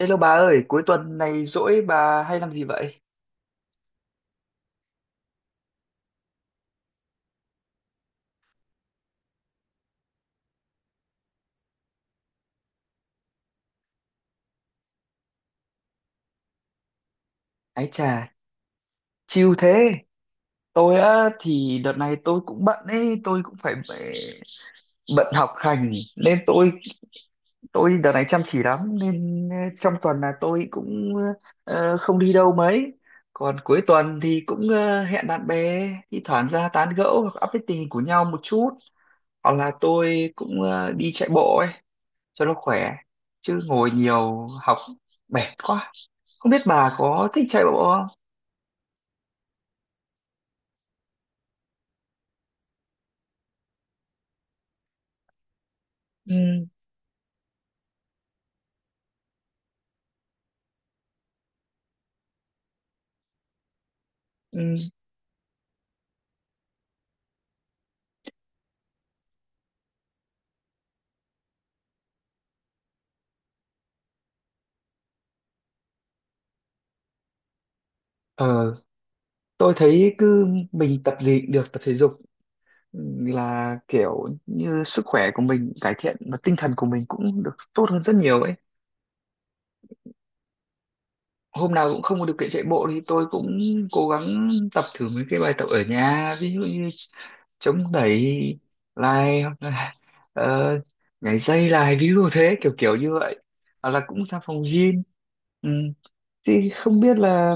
Hello bà ơi, cuối tuần này rỗi bà hay làm gì vậy? Ái chà, chill thế. Tôi á thì đợt này tôi cũng bận ấy, tôi cũng phải bận học hành nên tôi đợt này chăm chỉ lắm nên trong tuần là tôi cũng không đi đâu mấy. Còn cuối tuần thì cũng hẹn bạn bè thi thoảng ra tán gẫu hoặc update tình hình của nhau một chút hoặc là tôi cũng đi chạy bộ ấy cho nó khỏe chứ ngồi nhiều học mệt quá. Không biết bà có thích chạy bộ không? Ừ, ừ. Ờ, tôi thấy cứ mình tập gì cũng được tập thể dục, ừ, là kiểu như sức khỏe của mình cải thiện và tinh thần của mình cũng được tốt hơn rất nhiều ấy. Hôm nào cũng không có điều kiện chạy bộ thì tôi cũng cố gắng tập thử mấy cái bài tập ở nhà, ví dụ như chống đẩy lại hoặc là ờ, nhảy dây lại ví dụ thế kiểu kiểu như vậy. Hoặc là cũng ra phòng gym. Ừ. Thì không biết là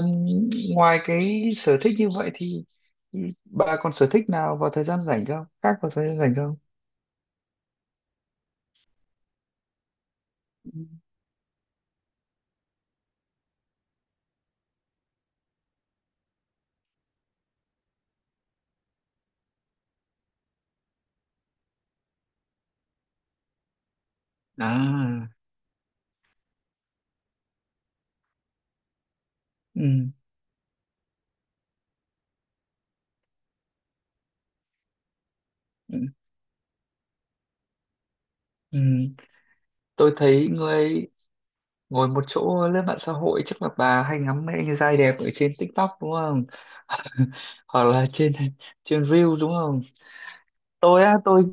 ngoài cái sở thích như vậy thì bà còn sở thích nào vào thời gian rảnh không? Khác vào thời gian rảnh không? À, ừ, ừ, ừ. Tôi thấy người ngồi một chỗ lên mạng xã hội chắc là bà hay ngắm mấy anh trai đẹp ở trên TikTok đúng không? Hoặc là trên trên Reel đúng không? Tôi á, tôi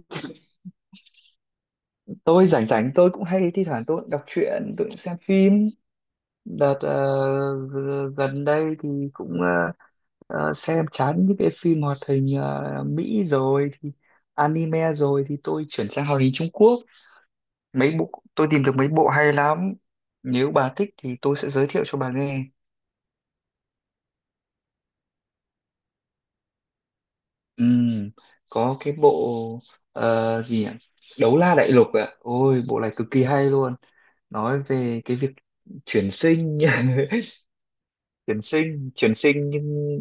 tôi rảnh rảnh tôi cũng hay thi thoảng tôi cũng đọc truyện, tôi cũng xem phim. Đợt gần đây thì cũng xem chán những cái phim hoạt hình Mỹ rồi thì anime rồi thì tôi chuyển sang hoạt hình Trung Quốc, mấy bộ tôi tìm được mấy bộ hay lắm, nếu bà thích thì tôi sẽ giới thiệu cho bà nghe. Ừm, có cái bộ gì nhỉ? Đấu La Đại Lục ạ, ôi bộ này cực kỳ hay luôn, nói về cái việc chuyển sinh chuyển sinh nhưng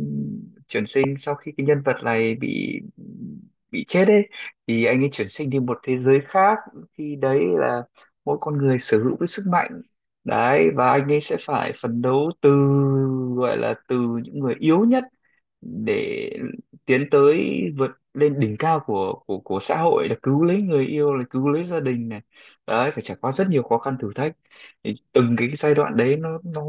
chuyển sinh sau khi cái nhân vật này bị chết ấy thì anh ấy chuyển sinh đi một thế giới khác, khi đấy là mỗi con người sở hữu cái sức mạnh đấy, và anh ấy sẽ phải phấn đấu từ, gọi là từ những người yếu nhất để tiến tới vượt lên đỉnh cao của của xã hội, là cứu lấy người yêu, là cứu lấy gia đình này đấy, phải trải qua rất nhiều khó khăn thử thách, thì từng cái giai đoạn đấy nó nó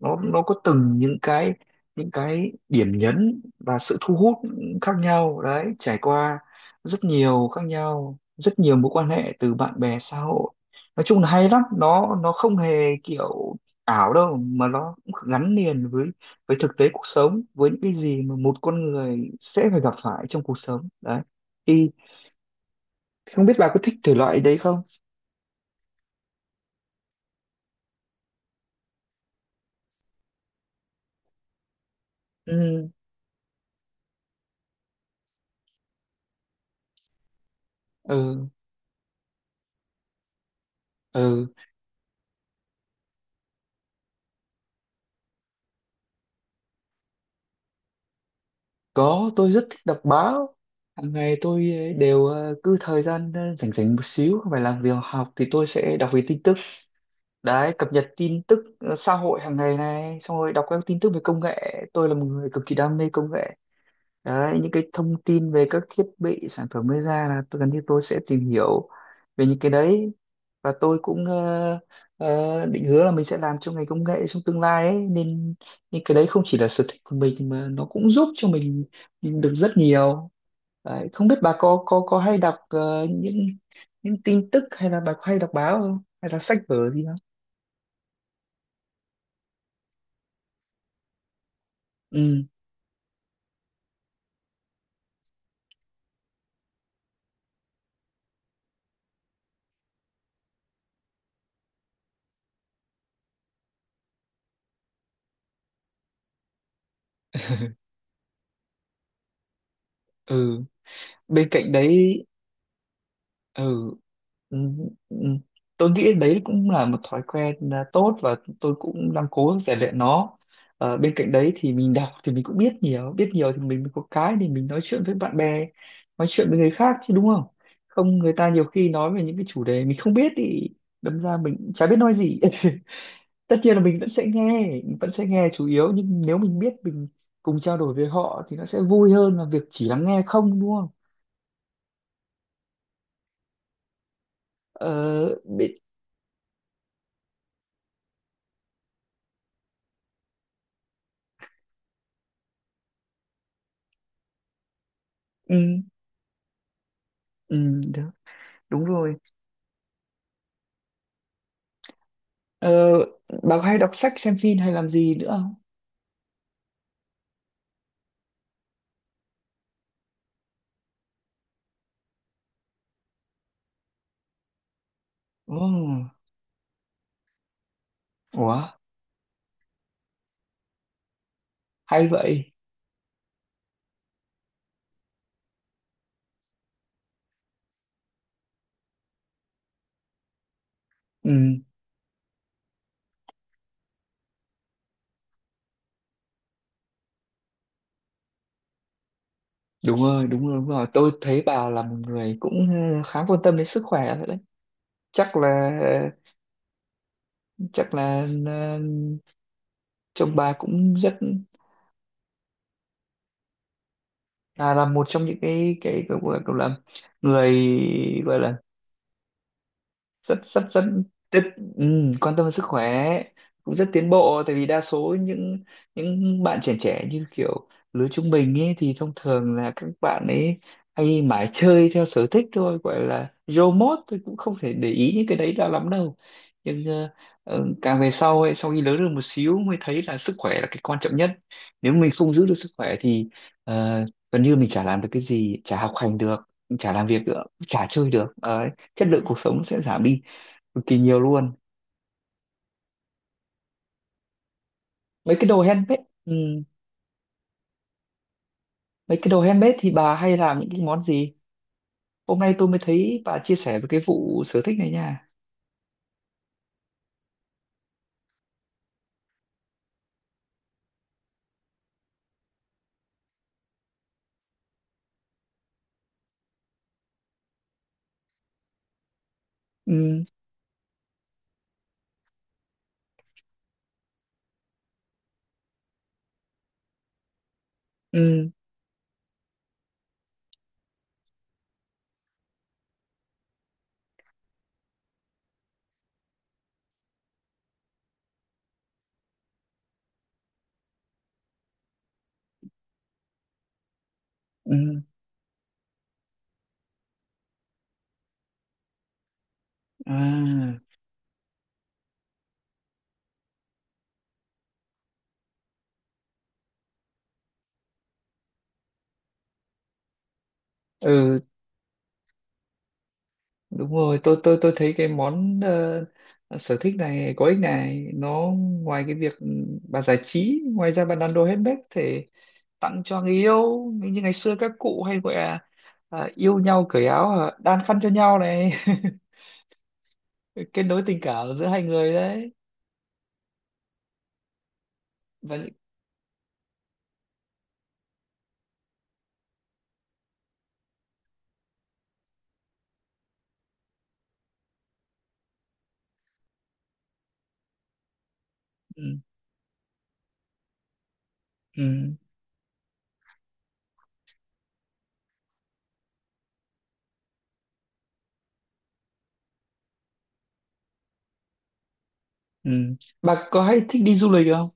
nó nó có từng những cái, những cái điểm nhấn và sự thu hút khác nhau đấy, trải qua rất nhiều khác nhau, rất nhiều mối quan hệ từ bạn bè xã hội, nói chung là hay lắm, nó không hề kiểu ảo đâu, mà nó gắn liền với thực tế cuộc sống, với những cái gì mà một con người sẽ phải gặp phải trong cuộc sống đấy, thì không biết bà có thích thể loại đấy không. Ừ, ừ, ừ, có, tôi rất thích đọc báo, hàng ngày tôi ấy đều cứ thời gian rảnh rảnh một xíu không phải làm việc học thì tôi sẽ đọc về tin tức đấy, cập nhật tin tức xã hội hàng ngày này, xong rồi đọc các tin tức về công nghệ, tôi là một người cực kỳ đam mê công nghệ đấy, những cái thông tin về các thiết bị sản phẩm mới ra là tôi gần như tôi sẽ tìm hiểu về những cái đấy. Và tôi cũng định hứa là mình sẽ làm trong ngành công nghệ trong tương lai ấy, nên nên cái đấy không chỉ là sở thích của mình mà nó cũng giúp cho mình được rất nhiều đấy. Không biết bà có có hay đọc những tin tức, hay là bà có hay đọc báo không, hay là sách vở gì không. Ừ, ừ, bên cạnh đấy, ừ, ừ, ừ. Tôi nghĩ đấy cũng là một thói quen, à, tốt và tôi cũng đang cố rèn luyện nó. Ờ, bên cạnh đấy thì mình đọc thì mình cũng biết nhiều, biết nhiều thì mình có cái để mình nói chuyện với bạn bè, nói chuyện với người khác chứ đúng không, không người ta nhiều khi nói về những cái chủ đề mình không biết thì đâm ra mình cũng chả biết nói gì. Tất nhiên là mình vẫn sẽ nghe, mình vẫn sẽ nghe chủ yếu, nhưng nếu mình biết mình cùng trao đổi với họ thì nó sẽ vui hơn là việc chỉ lắng nghe không, đúng không. ờ bị- ừ, ừ, đúng rồi. Ờ, bà có hay đọc sách xem phim hay làm gì nữa không? Ồ, ủa hay vậy. Ừ, đúng rồi, đúng rồi, đúng rồi, tôi thấy bà là một người cũng khá quan tâm đến sức khỏe nữa đấy. Chắc là, chắc là chồng bà cũng rất là một trong những cái gọi là người, gọi là rất rất rất, rất, ừ, quan tâm đến sức khỏe, cũng rất tiến bộ, tại vì đa số những bạn trẻ, trẻ như kiểu lứa trung bình ấy thì thông thường là các bạn ấy hay mải chơi theo sở thích thôi, gọi là rô mốt, tôi cũng không thể để ý những cái đấy ra lắm đâu. Nhưng càng về sau ấy, sau khi lớn được một xíu mới thấy là sức khỏe là cái quan trọng nhất, nếu mình không giữ được sức khỏe thì ờ, gần như mình chả làm được cái gì, chả học hành được, chả làm việc được, chả chơi được. Ờ, chất lượng cuộc sống sẽ giảm đi cực kỳ nhiều luôn. Mấy cái đồ handmade, ừ, mấy cái đồ handmade thì bà hay làm những cái món gì, hôm nay tôi mới thấy bà chia sẻ về cái vụ sở thích này nha. Ừ, ừ, ừ, à, ừ, đúng rồi, tôi thấy cái món sở thích này có ích này, nó ngoài cái việc, ừ, bà giải trí, ngoài ra bà làm đồ handmade thể tặng cho người yêu, như ngày xưa các cụ hay gọi là, à, yêu nhau cởi áo, à, đan khăn cho nhau này. Kết nối tình cảm giữa hai người đấy. Và ừ, ừ, ừ. Bà có hay thích đi du lịch không?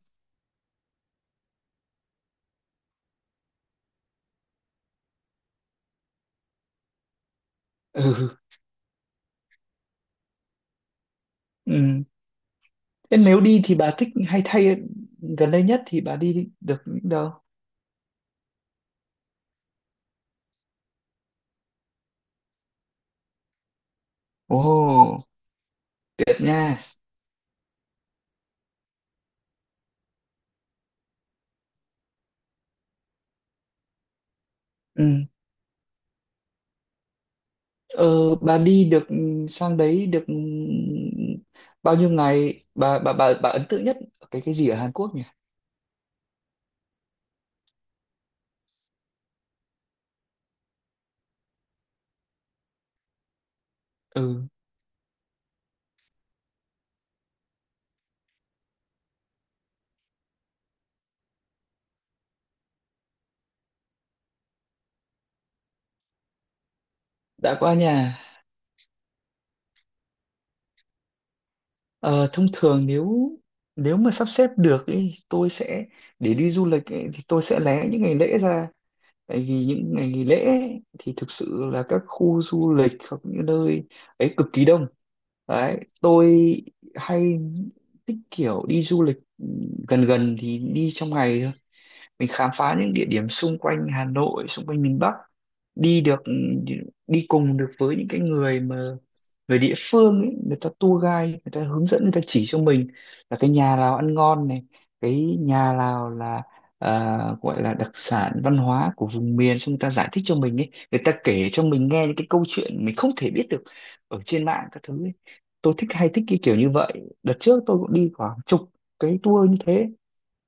Ừ, ừ. Thế nếu đi thì bà thích hay thay, gần đây nhất thì bà đi được những đâu. Ồ, tuyệt nha. Ừ. Ờ, bà đi được sang đấy được bao nhiêu ngày, bà ấn tượng nhất ở cái gì ở Hàn Quốc nhỉ. Ừ, đã qua nhà. Ờ, thông thường nếu, nếu mà sắp xếp được ý, tôi sẽ để đi du lịch ý, thì tôi sẽ lé những ngày lễ ra, tại vì những ngày nghỉ lễ ấy thì thực sự là các khu du lịch hoặc những nơi ấy cực kỳ đông đấy. Tôi hay thích kiểu đi du lịch, ừ, gần gần thì đi trong ngày thôi, mình khám phá những địa điểm xung quanh Hà Nội, xung quanh miền Bắc, đi được, đi cùng được với những cái người mà người địa phương ấy, người ta tour guide, người ta hướng dẫn, người ta chỉ cho mình là cái nhà nào ăn ngon này, cái nhà nào là, à, gọi là đặc sản văn hóa của vùng miền, xong người ta giải thích cho mình ấy, người ta kể cho mình nghe những cái câu chuyện mình không thể biết được ở trên mạng các thứ ấy. Tôi thích, hay thích cái kiểu như vậy. Đợt trước tôi cũng đi khoảng chục cái tour như thế,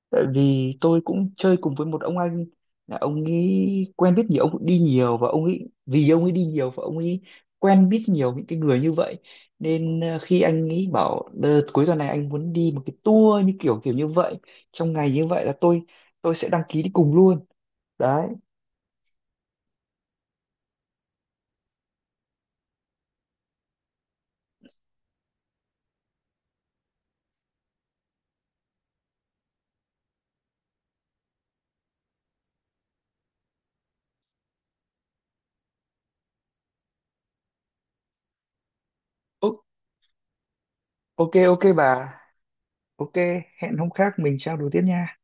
tại vì tôi cũng chơi cùng với một ông anh, là ông ấy quen biết nhiều, ông cũng đi nhiều, và ông ấy, vì ông ấy đi nhiều và ông ấy quen biết nhiều những cái người như vậy, nên khi anh ấy bảo "Ờ, cuối tuần này anh muốn đi một cái tour như kiểu kiểu như vậy trong ngày" như vậy là tôi sẽ đăng ký đi cùng luôn đấy. Ô- ok, ok bà, ok, hẹn hôm khác mình trao đổi tiếp nha.